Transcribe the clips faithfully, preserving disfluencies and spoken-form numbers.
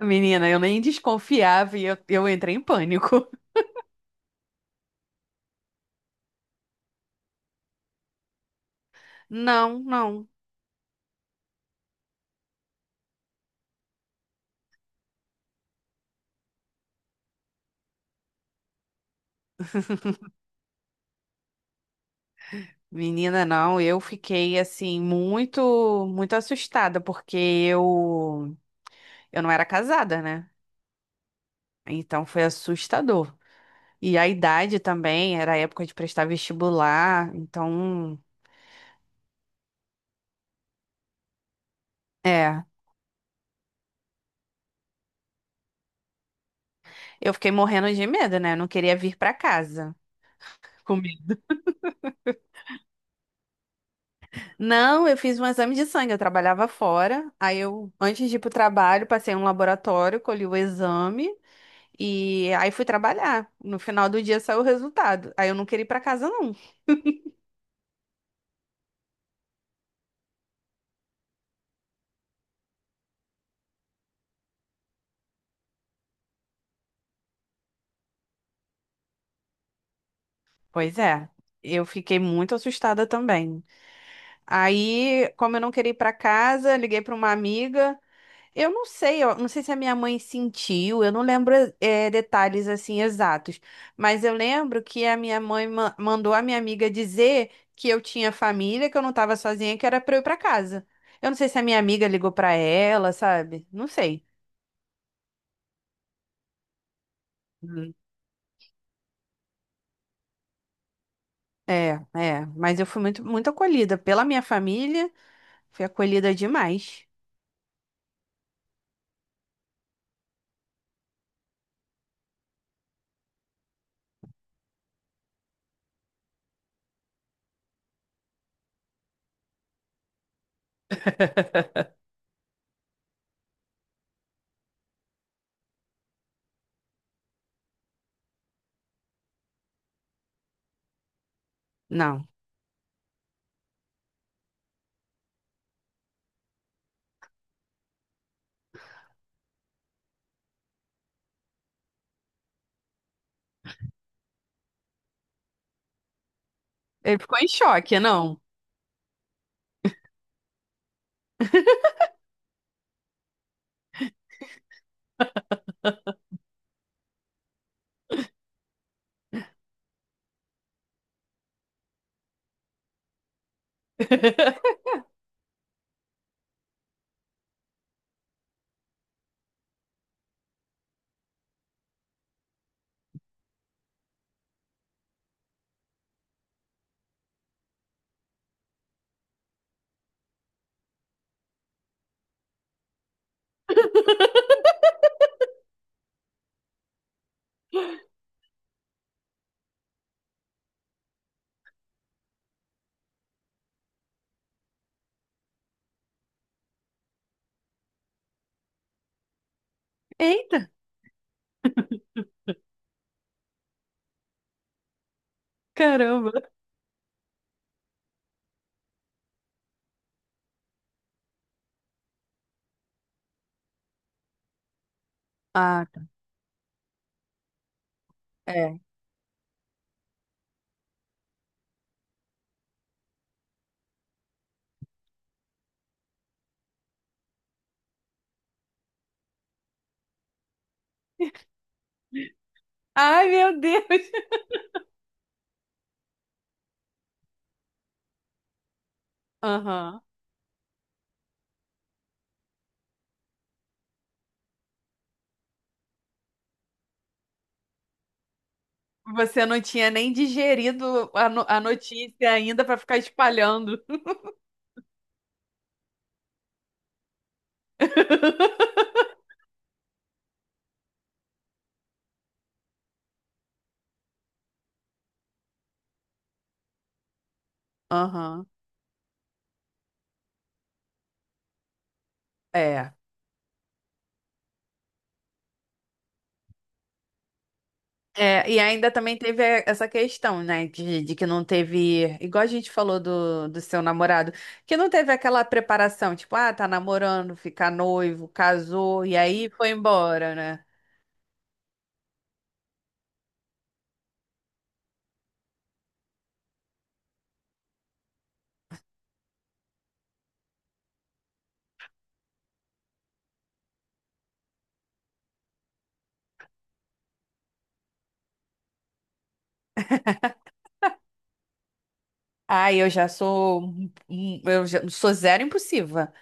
Menina, eu nem desconfiava e eu, eu entrei em pânico. Não, não. Menina, não, eu fiquei assim muito, muito assustada porque eu eu não era casada, né? Então foi assustador. E a idade também, era a época de prestar vestibular, então, é, eu fiquei morrendo de medo, né? Eu não queria vir pra casa. Não, eu fiz um exame de sangue, eu trabalhava fora. Aí eu, antes de ir pro trabalho, passei em um laboratório, colhi o exame e aí fui trabalhar. No final do dia saiu o resultado. Aí eu não queria ir pra casa, não. Pois é. Eu fiquei muito assustada também. Aí, como eu não queria ir pra casa, liguei pra uma amiga. Eu não sei, eu não sei se a minha mãe sentiu, eu não lembro eh, detalhes assim exatos, mas eu lembro que a minha mãe ma- mandou a minha amiga dizer que eu tinha família, que eu não estava sozinha, que era para eu ir para casa. Eu não sei se a minha amiga ligou para ela, sabe? Não sei. Hum. É, é, mas eu fui muito, muito acolhida pela minha família, fui acolhida demais. Não, ele ficou em choque, não? Eita, caramba. Ah, tá. É. Ai, meu Deus. Aham. Você não tinha nem digerido a, no- a notícia ainda para ficar espalhando. Aham. É. É, e ainda também teve eh, essa questão, né, de, de que não teve, igual a gente falou do, do seu namorado, que não teve aquela preparação, tipo, ah, tá namorando, fica noivo, casou, e aí foi embora, né? Ah, eu já sou, um- um- eu já sou zero impulsiva.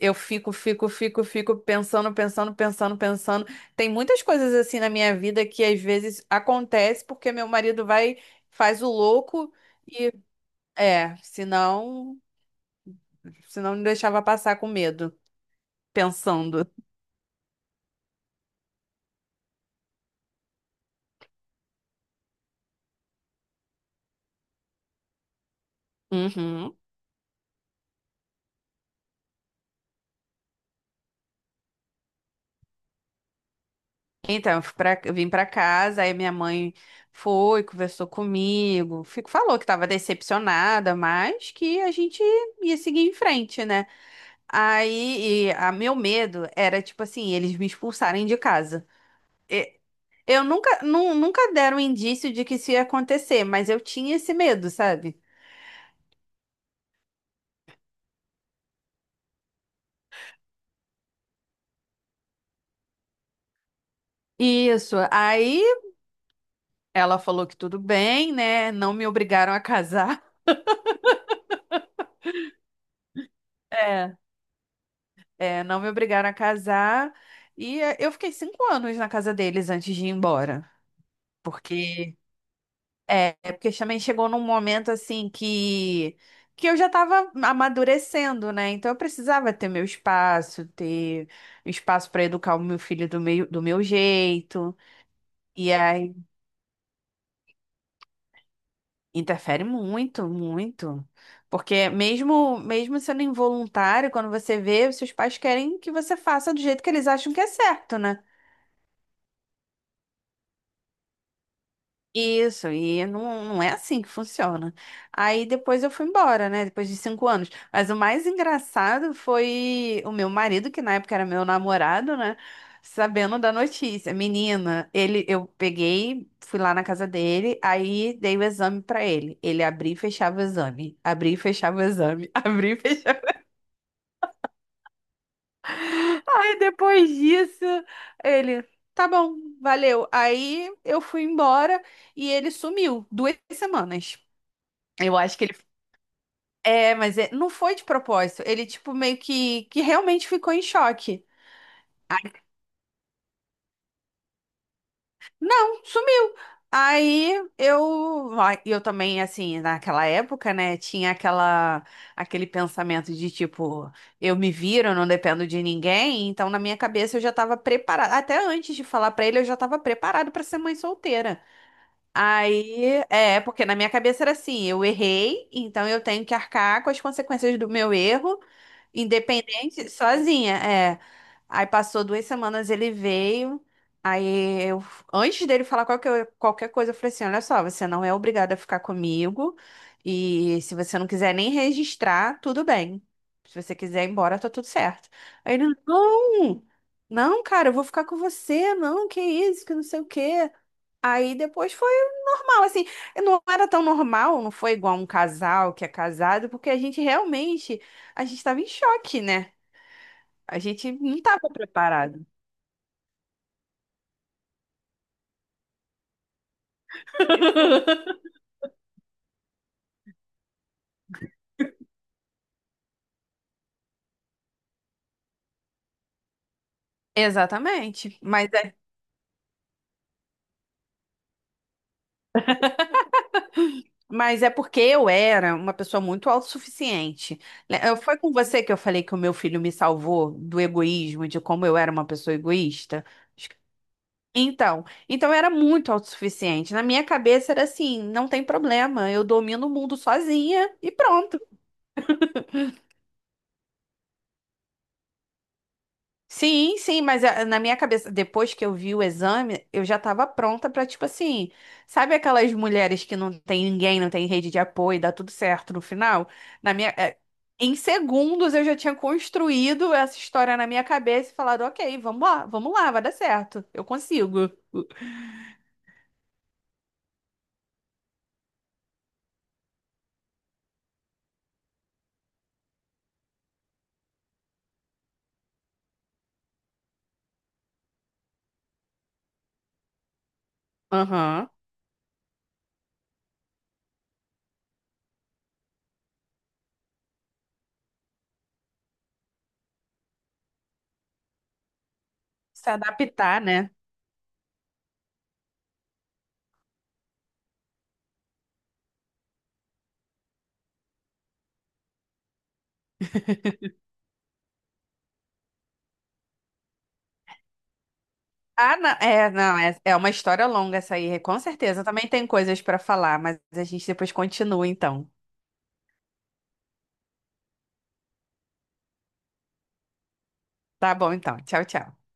Eu fico, fico, fico, fico pensando, pensando, pensando, pensando. Tem muitas coisas assim na minha vida que às vezes acontece porque meu marido vai, faz o louco e é, senão, senão me deixava passar com medo, pensando. Uhum. Então, eu fui pra- eu vim pra casa, aí minha mãe foi, conversou comigo, fico, falou que estava decepcionada, mas que a gente ia seguir em frente, né? Aí, e a meu medo era, tipo assim, eles me expulsarem de casa. E- Eu nunca, nu- nunca deram indício de que isso ia acontecer, mas eu tinha esse medo, sabe? Isso. Aí ela falou que tudo bem, né? Não me obrigaram a casar. É. É, não me obrigaram a casar. E é, eu fiquei cinco anos na casa deles antes de ir embora. Porque é, porque também chegou num momento assim que que eu já estava amadurecendo, né? Então eu precisava ter meu espaço, ter espaço para educar o meu filho do meu, do meu jeito. E aí interfere muito, muito. Porque mesmo mesmo sendo involuntário, quando você vê, os seus pais querem que você faça do jeito que eles acham que é certo, né? Isso, e não, não é assim que funciona. Aí depois eu fui embora, né? Depois de cinco anos. Mas o mais engraçado foi o meu marido, que na época era meu namorado, né? Sabendo da notícia. Menina, ele, eu peguei, fui lá na casa dele, aí dei o exame pra ele. Ele abria e fechava o exame. Abria e fechava o exame. Abria e fechava. Aí depois disso, ele, tá bom, valeu. Aí eu fui embora e ele sumiu duas semanas. Eu acho que é, mas é- não foi de propósito. Ele, tipo, meio que, que realmente ficou em choque. Aí, não, sumiu. Aí eu, ai, eu também, assim, naquela época, né, tinha aquela, aquele pensamento de tipo, eu me viro, eu não dependo de ninguém. Então, na minha cabeça, eu já estava preparada. Até antes de falar pra ele, eu já estava preparada pra ser mãe solteira. Aí, é, porque na minha cabeça era assim, eu errei, então eu tenho que arcar com as consequências do meu erro, independente, sozinha, é. Aí passou duas semanas, ele veio, aí eu, antes dele falar qualquer, qualquer coisa, eu falei assim, olha só, você não é obrigada a ficar comigo, e se você não quiser nem registrar, tudo bem. Se você quiser ir embora, tá tudo certo. Aí ele, não, não, cara, eu vou ficar com você, não, que isso, que não sei o quê. Aí depois foi normal, assim, não era tão normal, não foi igual um casal que é casado, porque a gente realmente, a gente estava em choque, né? A gente não estava preparado. Exatamente, mas é, mas é porque eu era uma pessoa muito autossuficiente. Le- eu- Foi com você que eu falei que o meu filho me salvou do egoísmo, de como eu era uma pessoa egoísta? Acho que- Então, então eu era muito autossuficiente. Na minha cabeça era assim, não tem problema, eu domino o mundo sozinha e pronto. Sim, sim, mas ah, na minha cabeça, depois que eu vi o exame, eu já tava pronta pra, tipo assim, sabe aquelas mulheres que não tem ninguém, não tem rede de apoio, dá tudo certo no final? Na minha, eh, em segundos eu já tinha construído essa história na minha cabeça e falado, ok, vamos lá, vamos lá, vai dar certo, eu consigo. Aham. Se adaptar, né? Ah, não, é, não, é, é uma história longa essa aí, com certeza. Também tem coisas pra falar, mas a gente depois continua então. Tá bom, então. Tchau, tchau.